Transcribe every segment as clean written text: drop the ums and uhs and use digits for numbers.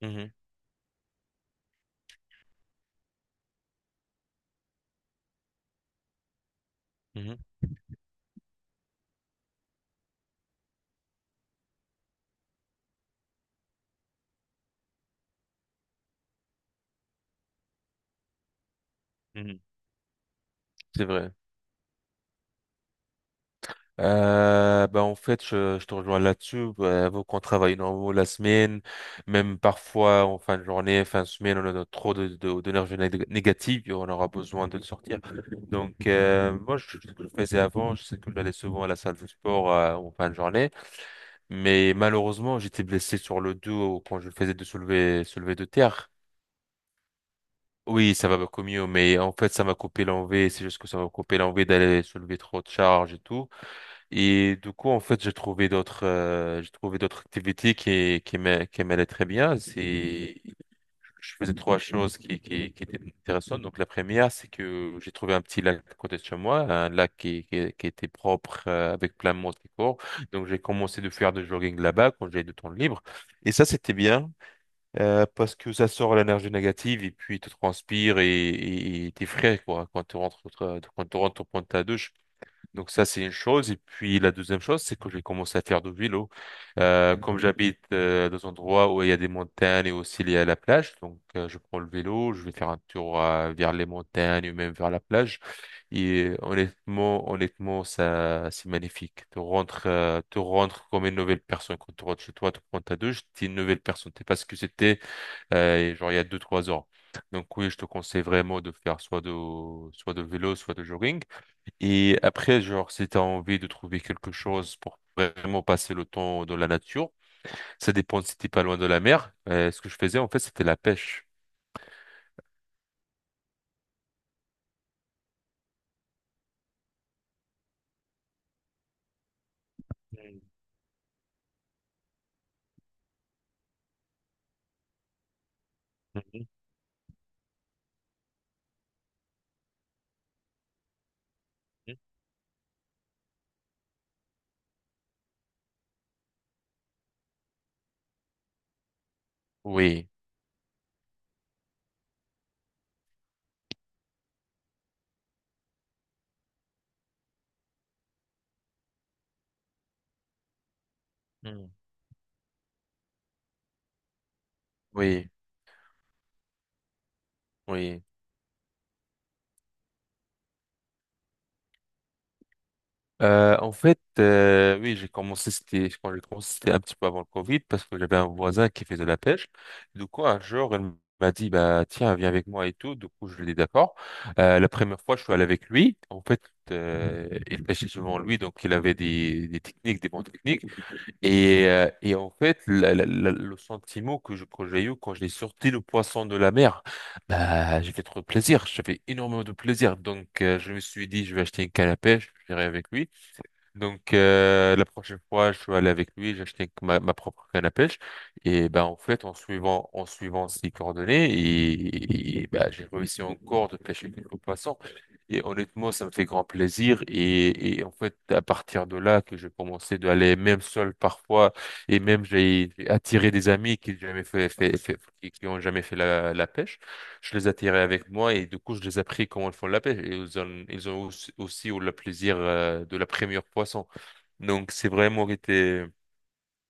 Mhm, mhm, mhm. C'est vrai. Ben en fait, je te rejoins là-dessus. Vu qu'on travaille normalement la semaine, même parfois en fin de journée, fin de semaine, on a notre- trop d'énergie négative et on aura besoin de le sortir. Donc, moi, ce que je faisais avant, je sais que j'allais souvent à la salle de sport en fin de journée, mais malheureusement, j'étais blessé sur le dos quand je faisais de soulever de terre. Oui, ça va beaucoup mieux, mais en fait, ça m'a coupé l'envie. C'est juste que ça m'a coupé l'envie d'aller soulever trop de charges et tout. Et du coup, en fait, j'ai trouvé d'autres activités qui m'allaient très bien. C'est Je faisais trois choses qui étaient intéressantes. Donc, la première, c'est que j'ai trouvé un petit lac à côté de chez moi, un lac qui était propre, avec plein de monde qui court. Donc, j'ai commencé de faire du jogging là-bas quand j'avais du temps libre. Et ça, c'était bien, parce que ça sort l'énergie négative et puis tu transpires et t'es frais, quoi, quand tu rentres, prendre ta douche. Donc ça, c'est une chose. Et puis la deuxième chose, c'est que j'ai commencé à faire du vélo. Comme j'habite dans un endroit où il y a des montagnes et aussi il y a la plage, donc je prends le vélo, je vais faire un tour vers les montagnes ou même vers la plage. Et honnêtement, ça, c'est magnifique. Tu rentres comme une nouvelle personne. Quand tu rentres chez toi, tu prends ta douche, t'es une nouvelle personne. T'es pas ce que c'était genre il y a deux, trois ans. Donc oui, je te conseille vraiment de faire soit de vélo, soit de jogging. Et après, genre, si t'as envie de trouver quelque chose pour vraiment passer le temps dans la nature, ça dépend si t'es pas loin de la mer. Ce que je faisais, en fait, c'était la pêche. Mhm. Mhm. Oui. Mhm. Oui, oui. Oui, quand j'ai commencé, c'était un petit peu avant le Covid parce que j'avais un voisin qui faisait de la pêche. Du coup, un jour, il m'a dit, bah, tiens, viens avec moi et tout. Du coup, je lui ai dit d'accord. La première fois, je suis allé avec lui. En fait, il pêchait souvent lui, donc il avait des techniques, des bonnes techniques. Et en fait, le sentiment que j'ai eu quand j'ai sorti le poisson de la mer, bah, j'ai fait trop de plaisir. J'ai fait énormément de plaisir. Donc, je me suis dit, je vais acheter une canne à pêche, je vais avec lui. Donc la prochaine fois, je suis allé avec lui, j'achète ma propre canne à pêche et ben en fait en suivant ses coordonnées et ben, j'ai réussi encore de pêcher quelques poissons et honnêtement ça me fait grand plaisir et en fait à partir de là que je commençais d'aller même seul parfois et même j'ai attiré des amis qui jamais fait, fait, fait- qui ont jamais fait la pêche. Je les attirais avec moi et du coup, je les ai appris comment ils font la pêche. Et ils ont aussi, aussi eu le plaisir de la première poisson. Donc, c'est vraiment été,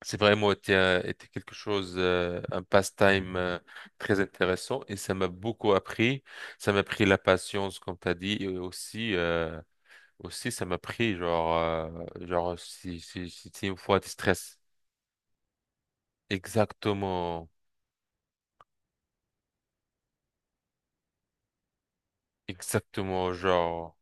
c'est vraiment été, été quelque chose, un pastime très intéressant et ça m'a beaucoup appris. Ça m'a pris la patience, comme tu as dit, et aussi, ça m'a pris, genre, genre, si une fois tu stresses. Exactement, exactement, genre.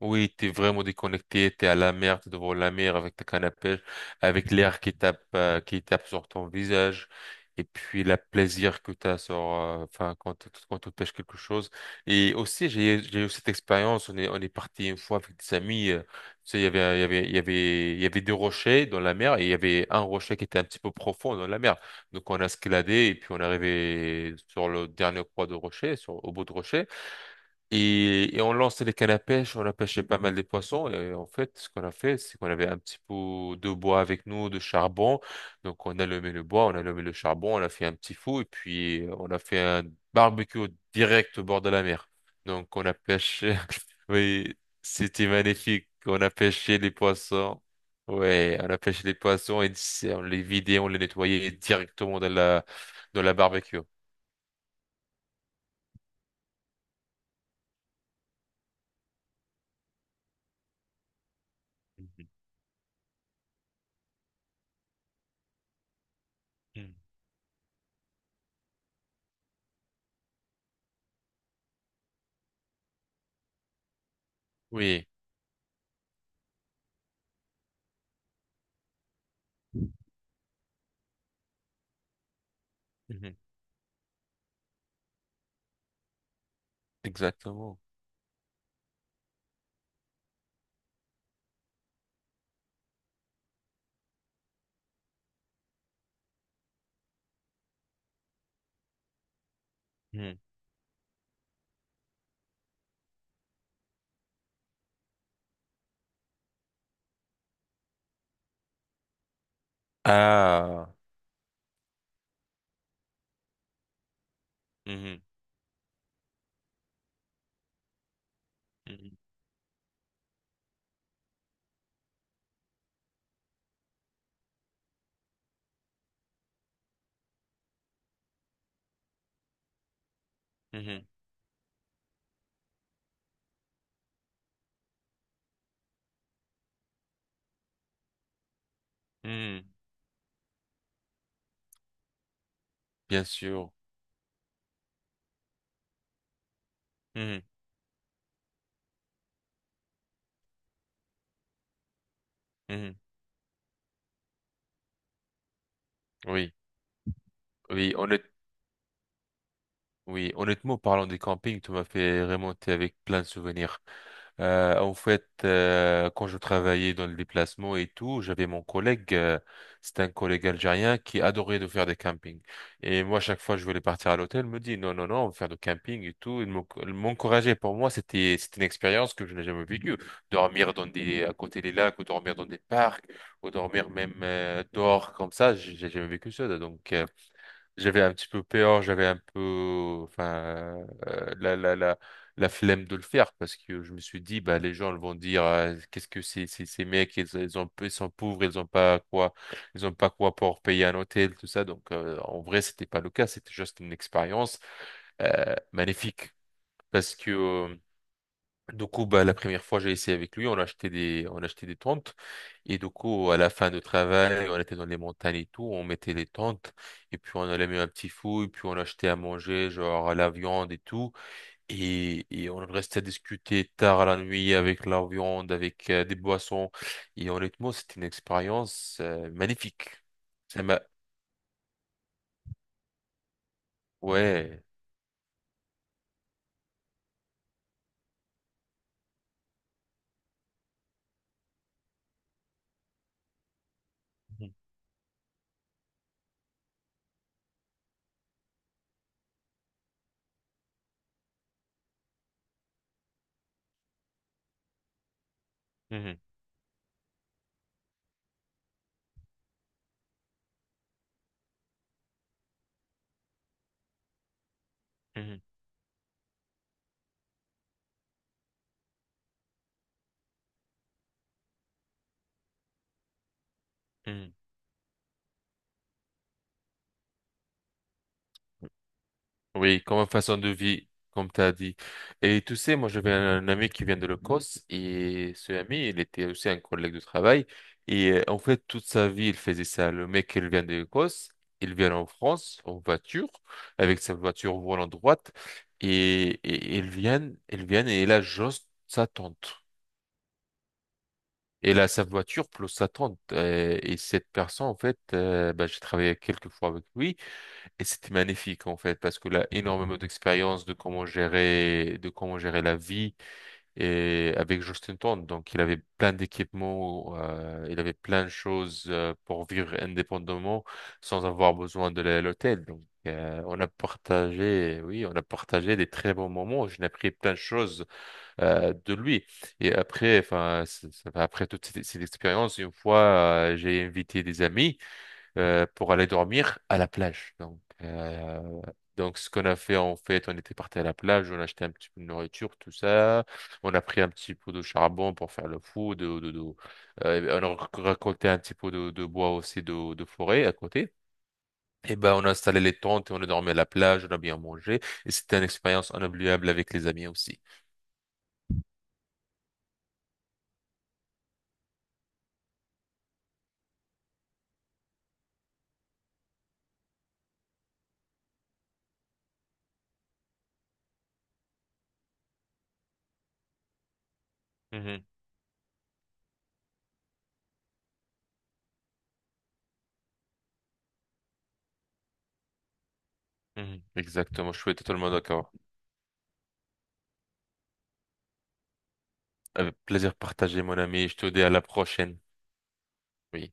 Oui, t'es vraiment déconnecté, t'es à la mer, t'es devant la mer avec ta canne à pêche, avec l'air qui tape sur ton visage, et puis le plaisir que t'as sur, enfin, quand tu pêches quelque chose. Et aussi, j'ai eu cette expérience, on est parti une fois avec des amis, tu sais, il y avait, il y avait, il y avait, il y avait deux rochers dans la mer, et il y avait un rocher qui était un petit peu profond dans la mer. Donc, on a escaladé, et puis on est arrivé sur le dernier croix de rocher, sur, au bout de rocher. Et on lançait les cannes à pêche, on a pêché pas mal des poissons. Et en fait, ce qu'on a fait, c'est qu'on avait un petit pot de bois avec nous, de charbon. Donc, on a allumé le bois, on a allumé le charbon, on a fait un petit feu et puis on a fait un barbecue direct au bord de la mer. Donc, on a pêché. Oui, c'était magnifique. On a pêché les poissons. Ouais, on a pêché les poissons et c'est- on les vidait, on les nettoyait directement dans la barbecue. Mhm. Oui. Mhm. Exactement. Mhm. Ah. Mhm. Mhm. Mhm. Mhm. Bien sûr. Mhm. Mhm. Oui. Oui, honnête... oui, honnêtement, parlant des campings, tu m'as fait remonter avec plein de souvenirs. Quand je travaillais dans le déplacement et tout, j'avais mon collègue, c'était un collègue algérien qui adorait de faire des campings. Et moi, chaque fois que je voulais partir à l'hôtel, il me dit non, non, non, on va faire du camping et tout. Il m'encourageait. Pour moi, c'était une expérience que je n'ai jamais vécue. Dormir dans des à côté des lacs, ou dormir dans des parcs, ou dormir même dehors comme ça, j'ai jamais vécu ça. Donc, j'avais un petit peu peur, j'avais un peu, enfin, euh, la, la, la, la flemme de le faire parce que je me suis dit, bah, les gens ils vont dire, ah, qu'est-ce que c'est- ces mecs, ils ont, ils sont pauvres, ils ont pas quoi, ils ont pas quoi pour payer un hôtel, tout ça. Donc, en vrai, c'était pas le cas, c'était juste une expérience, magnifique parce que, du coup, bah, la première fois, j'ai essayé avec lui, on a acheté des tentes. Et du coup, à la fin du travail, on était dans les montagnes et tout, on mettait les tentes. Et puis, on allait mettre un petit fou, et puis on achetait à manger, genre la viande et tout. Et on restait à discuter tard à la nuit avec la viande, avec des boissons. Et honnêtement, c'était une expérience magnifique. Ça m'a, ouais. Mhm. Mhm. Mhm. Mhm. Oui, comme façon de vie, comme tu as dit. Et tu sais, moi j'avais un ami qui vient de l'Écosse et ce ami, il était aussi un collègue de travail. Et en fait, toute sa vie, il faisait ça. Le mec, il vient de l'Écosse, il vient en France en voiture, avec sa voiture volant droite. Et il vient et il a juste sa tante. Il a sa voiture plus sa tante. Et cette personne, en fait, bah, j'ai travaillé quelques fois avec lui. Et c'était magnifique en fait parce que là énormément d'expérience de comment gérer la vie et avec Justin Tourne donc il avait plein d'équipements il avait plein de choses pour vivre indépendamment sans avoir besoin de l'hôtel donc on a partagé oui on a partagé des très bons moments, j'ai appris plein de choses de lui et après enfin après toute cette expérience une fois j'ai invité des amis pour aller dormir à la plage. Donc ce qu'on a fait, en fait, on était parti à la plage, on a acheté un petit peu de nourriture, tout ça. On a pris un petit pot de charbon pour faire le fou, on a récolté un petit peu de bois aussi de forêt à côté. Et ben, on a installé les tentes et on a dormi à la plage, on a bien mangé. Et c'était une expérience inoubliable avec les amis aussi. Mhm, mhm. Exactement, je suis totalement d'accord. Avec plaisir partagé, mon ami. Je te dis à la prochaine. Oui.